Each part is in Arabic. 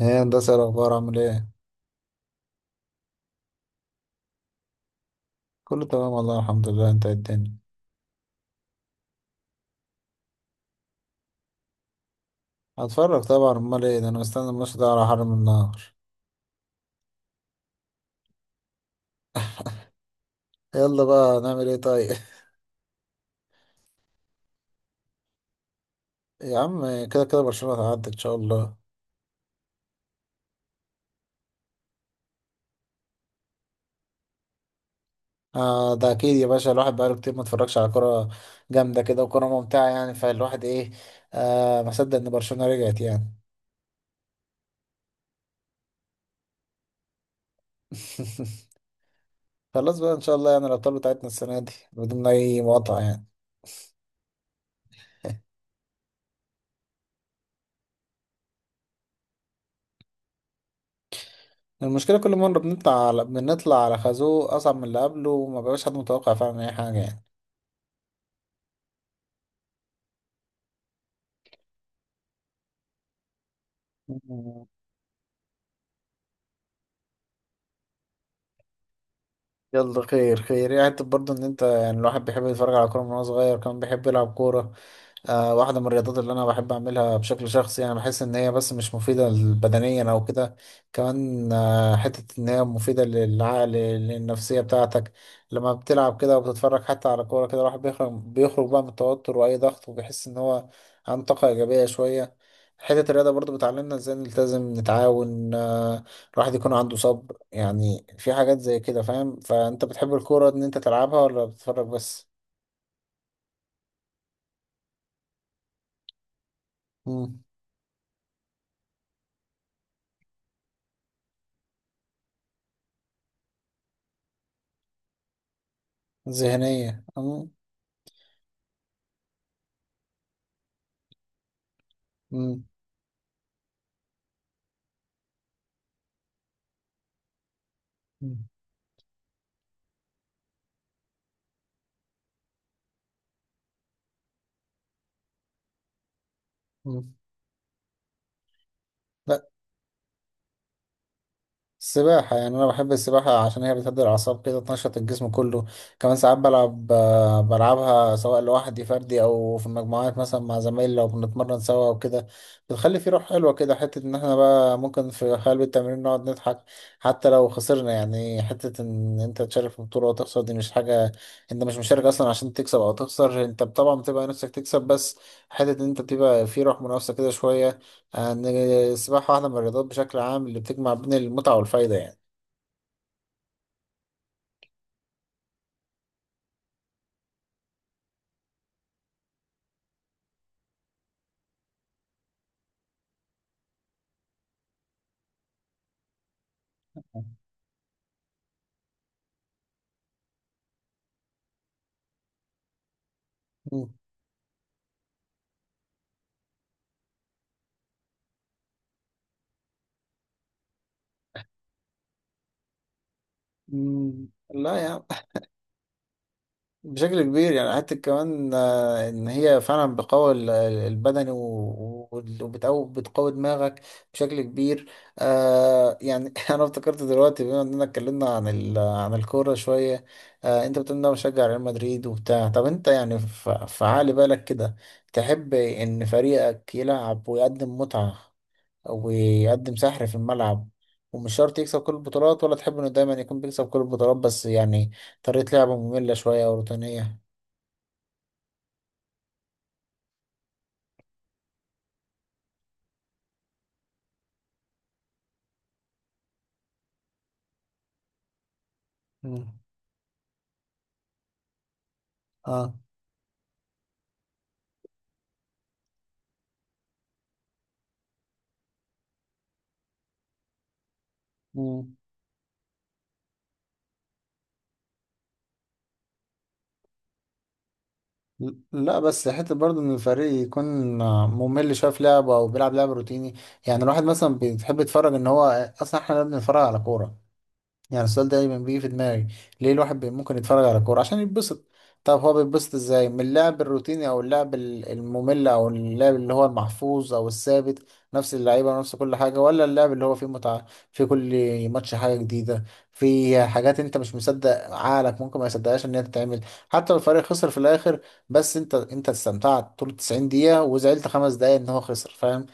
ايه هندسة، إيه الأخبار؟ عامل ايه؟ كله تمام والله الحمد لله. انت إيه الدنيا؟ هتفرج طبعا، امال ايه ده؟ انا مستني الماتش ده على حرم النهر. يلا بقى نعمل ايه طيب. يا عم كده كده برشلونة هتعدي ان شاء الله. آه ده اكيد يا باشا، الواحد بقاله كتير ما اتفرجش على كرة جامدة كده وكرة ممتعة يعني، فالواحد ايه، آه ما صدق ان برشلونة رجعت يعني. خلاص بقى ان شاء الله يعني الابطال بتاعتنا السنة دي بدون اي مقاطعة يعني. المشكلة كل مرة بنطلع على خازوق أصعب من اللي قبله، وما بقاش حد متوقع فعلا أي حاجة يعني. مم. يلا خير خير يعني. انت برضه ان انت يعني الواحد بيحب يتفرج على كوره من وهو صغير، كمان بيحب يلعب كوره. آه واحده من الرياضات اللي انا بحب اعملها بشكل شخصي، يعني بحس ان هي بس مش مفيده بدنيا او كده، كمان آه حته ان هي مفيده للعقل للنفسيه بتاعتك. لما بتلعب كده وبتتفرج حتى على كوره كده الواحد بيخرج بقى من التوتر واي ضغط، وبيحس ان هو عنده طاقه ايجابيه شويه. حته الرياضه برضه بتعلمنا ازاي نلتزم نتعاون، الواحد يكون عنده صبر يعني، في حاجات زي كده فاهم. فانت بتحب الكورة ان انت تلعبها ولا بتتفرج بس؟ مم. ذهنية. مم. مم. مم. مم. لا. السباحة يعني أنا بحب السباحة عشان هي بتهدي الأعصاب كده، تنشط الجسم كله. كمان ساعات بلعب، بلعبها سواء لوحدي فردي أو في المجموعات مثلا مع زمايلي لو بنتمرن سوا وكده. بتخلي في روح حلوة كده، حتة إن احنا بقى ممكن في قلب التمرين نقعد نضحك حتى لو خسرنا يعني. حتة إن أنت تشارك في بطولة وتخسر دي مش حاجة. أنت مش مشارك أصلا عشان تكسب أو تخسر، أنت طبعا بتبقى نفسك تكسب، بس حتة إن أنت بتبقى في روح منافسة كده شوية. ان السباحه واحده من الرياضات بشكل عام اللي بتجمع بين المتعه والفايده يعني. مم. مم، لا يعني. بشكل كبير يعني، حتى كمان ان هي فعلا بتقوي البدني و- و- وبتقوي بتقوي دماغك بشكل كبير. آه يعني انا افتكرت دلوقتي بما اننا اتكلمنا عن عن الكوره شويه. آه انت بتقول إن انا بشجع ريال مدريد وبتاع، طب انت يعني في عقل بالك كده تحب ان فريقك يلعب ويقدم متعه ويقدم سحر في الملعب ومش شرط يكسب كل البطولات، ولا تحب انه دايما يكون بيكسب كل البطولات بس يعني طريقة لعبه مملة شوية او روتينية؟ مم. اه. مم. لا بس حتة برضه إن الفريق يكون ممل شوية في لعبه أو بيلعب لعب روتيني. يعني الواحد مثلا بيحب يتفرج إن هو أصلا، إحنا لا بنتفرج على كورة يعني؟ السؤال ده دايما بيجي في دماغي. ليه الواحد ممكن يتفرج على كورة عشان يتبسط؟ طب هو بيتبسط ازاي من اللعب الروتيني او اللعب الممل او اللعب اللي هو المحفوظ او الثابت، نفس اللعيبة ونفس كل حاجة، ولا اللعب اللي هو فيه متعة في كل ماتش حاجة جديدة، في حاجات انت مش مصدق عقلك ممكن ما يصدقهاش ان هي تتعمل؟ حتى لو الفريق خسر في الاخر، بس انت انت استمتعت طول 90 دقيقة وزعلت 5 دقايق ان هو خسر فاهم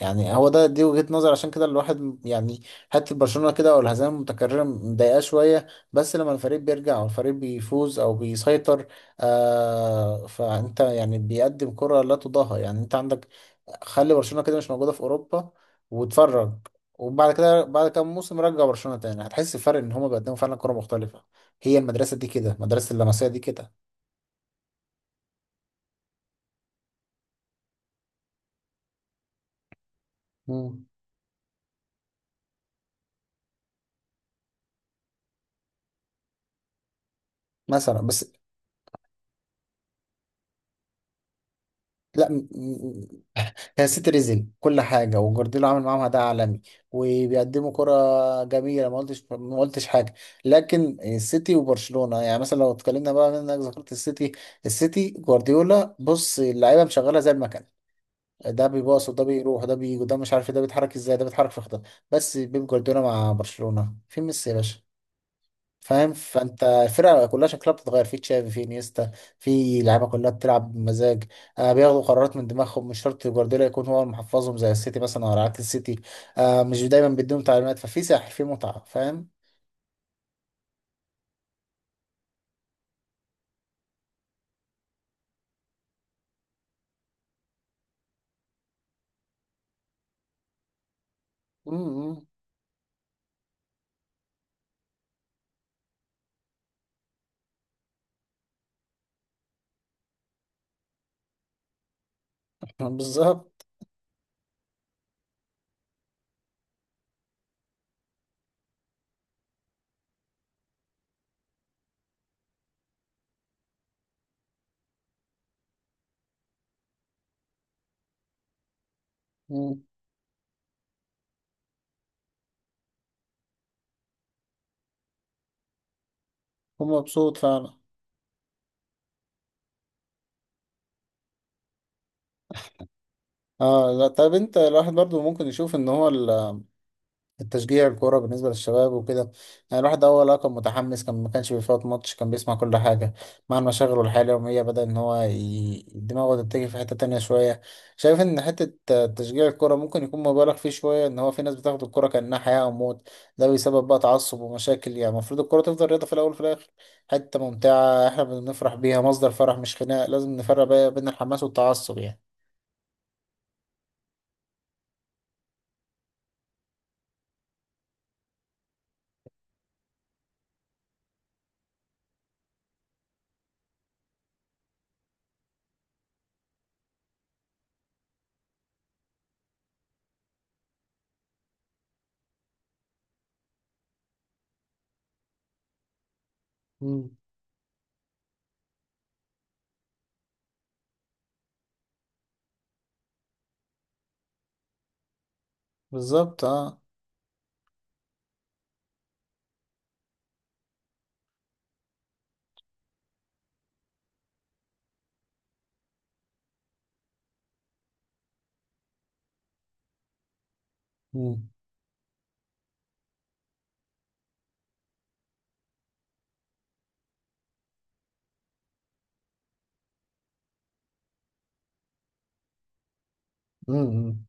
يعني. هو ده دي وجهة نظر، عشان كده الواحد يعني حته برشلونه كده او الهزائم المتكرره مضايقاه شويه، بس لما الفريق بيرجع او الفريق بيفوز او بيسيطر آه فانت يعني بيقدم كره لا تضاهى. يعني انت عندك، خلي برشلونه كده مش موجوده في اوروبا واتفرج، وبعد كده بعد كام موسم رجع برشلونه تاني هتحس الفرق ان هما بيقدموا فعلا كره مختلفه. هي المدرسه دي كده، مدرسه اللمسيه دي كده. مم. مثلا بس. لا. هي سيتي كل حاجه وجوارديولا عامل معاهم اداء عالمي وبيقدموا كره جميله، ما قلتش حاجه. لكن السيتي وبرشلونه يعني مثلا لو اتكلمنا بقى من انك ذكرت السيتي، السيتي جوارديولا بص اللعيبه مشغله زي المكنه، ده بيباص وده بيروح وده بيجي وده مش عارف إيه، ده بيتحرك ازاي ده بيتحرك في خطه. بس بيب جوارديولا مع برشلونه في ميسي يا باشا، فاهم. فانت الفرقه كلها شكلها بتتغير، في تشافي، في انيستا، في لعيبه كلها بتلعب بمزاج، آه بياخدوا قرارات من دماغهم، مش شرط جوارديولا يكون هو اللي محفظهم زي السيتي مثلا، او عكس السيتي آه مش دايما بيديهم تعليمات، ففي سحر في متعه فاهم. مم. مم. بالظبط. مم. ومبسوط فعلا. اه. لا طب انت الواحد برضو ممكن يشوف ان هو ال التشجيع الكورة بالنسبة للشباب وكده، يعني الواحد أول كان متحمس كان ما كانش بيفوت ماتش كان بيسمع كل حاجة، مع المشاغل والحياة اليومية بدأ إن هو دماغه تتجه في حتة تانية شوية. شايف إن حتة تشجيع الكورة ممكن يكون مبالغ فيه شوية، إن هو في ناس بتاخد الكورة كأنها حياة أو موت، ده بيسبب بقى تعصب ومشاكل. يعني المفروض الكورة تفضل رياضة في الأول وفي الآخر، حتة ممتعة إحنا بنفرح بيها، مصدر فرح مش خناق، لازم نفرق بقى بين الحماس والتعصب يعني. مم. بالظبط اه. مم. مم.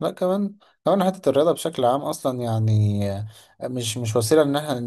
لا كمان. كمان حتة الرياضة بشكل عام أصلا يعني مش مش وسيلة إن احنا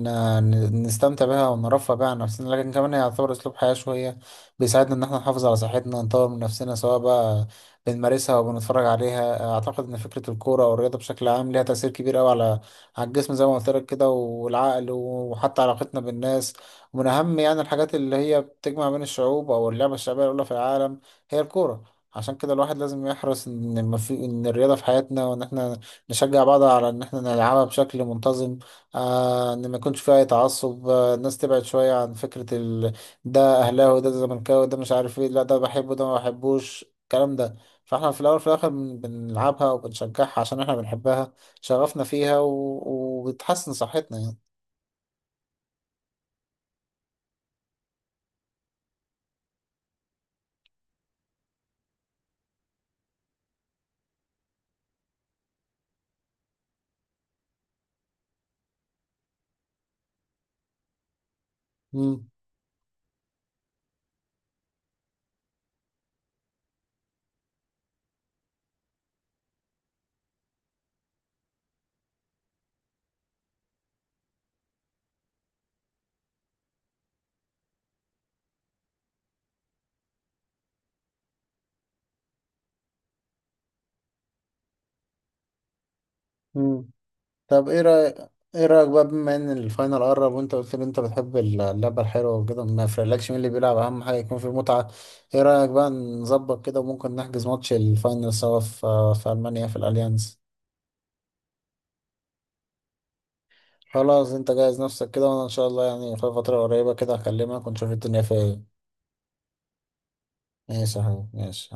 نستمتع بها ونرفه بيها عن نفسنا، لكن كمان هي يعتبر أسلوب حياة شوية بيساعدنا إن احنا نحافظ على صحتنا ونطور من نفسنا سواء بقى بنمارسها أو بنتفرج عليها. أعتقد إن فكرة الكورة أو الرياضة بشكل عام ليها تأثير كبير أوي على على الجسم زي ما قلت لك كده والعقل وحتى علاقتنا بالناس. ومن أهم يعني الحاجات اللي هي بتجمع بين الشعوب أو اللعبة الشعبية الأولى في العالم هي الكورة. عشان كده الواحد لازم يحرص ان ما في ان الرياضه في حياتنا، وان احنا نشجع بعض على ان احنا نلعبها بشكل منتظم. آه ان ما يكونش فيها اي تعصب، آه الناس تبعد شويه عن فكره ال... ده اهلاوي ده زملكاوي ده مش عارف ايه، لا ده بحبه ده ما بحبوش الكلام ده. فاحنا في الاول وفي الاخر بنلعبها وبنشجعها عشان احنا بنحبها، شغفنا فيها و... وبتحسن صحتنا يعني. مم. مم. طب ايه رأيك، ايه رأيك بقى بما ان الفاينل قرب وانت قلت لي انت بتحب اللعبة الحلوة وكده ما يفرقلكش مين اللي بيلعب، اهم حاجة يكون في متعة. ايه رأيك بقى نظبط كده وممكن نحجز ماتش الفاينل سوا في ألمانيا في الأليانز. خلاص انت جهز نفسك كده، وانا ان شاء الله يعني في فترة قريبة كده هكلمك ونشوف الدنيا فيها ايه. ماشي يا حبيبي ماشي.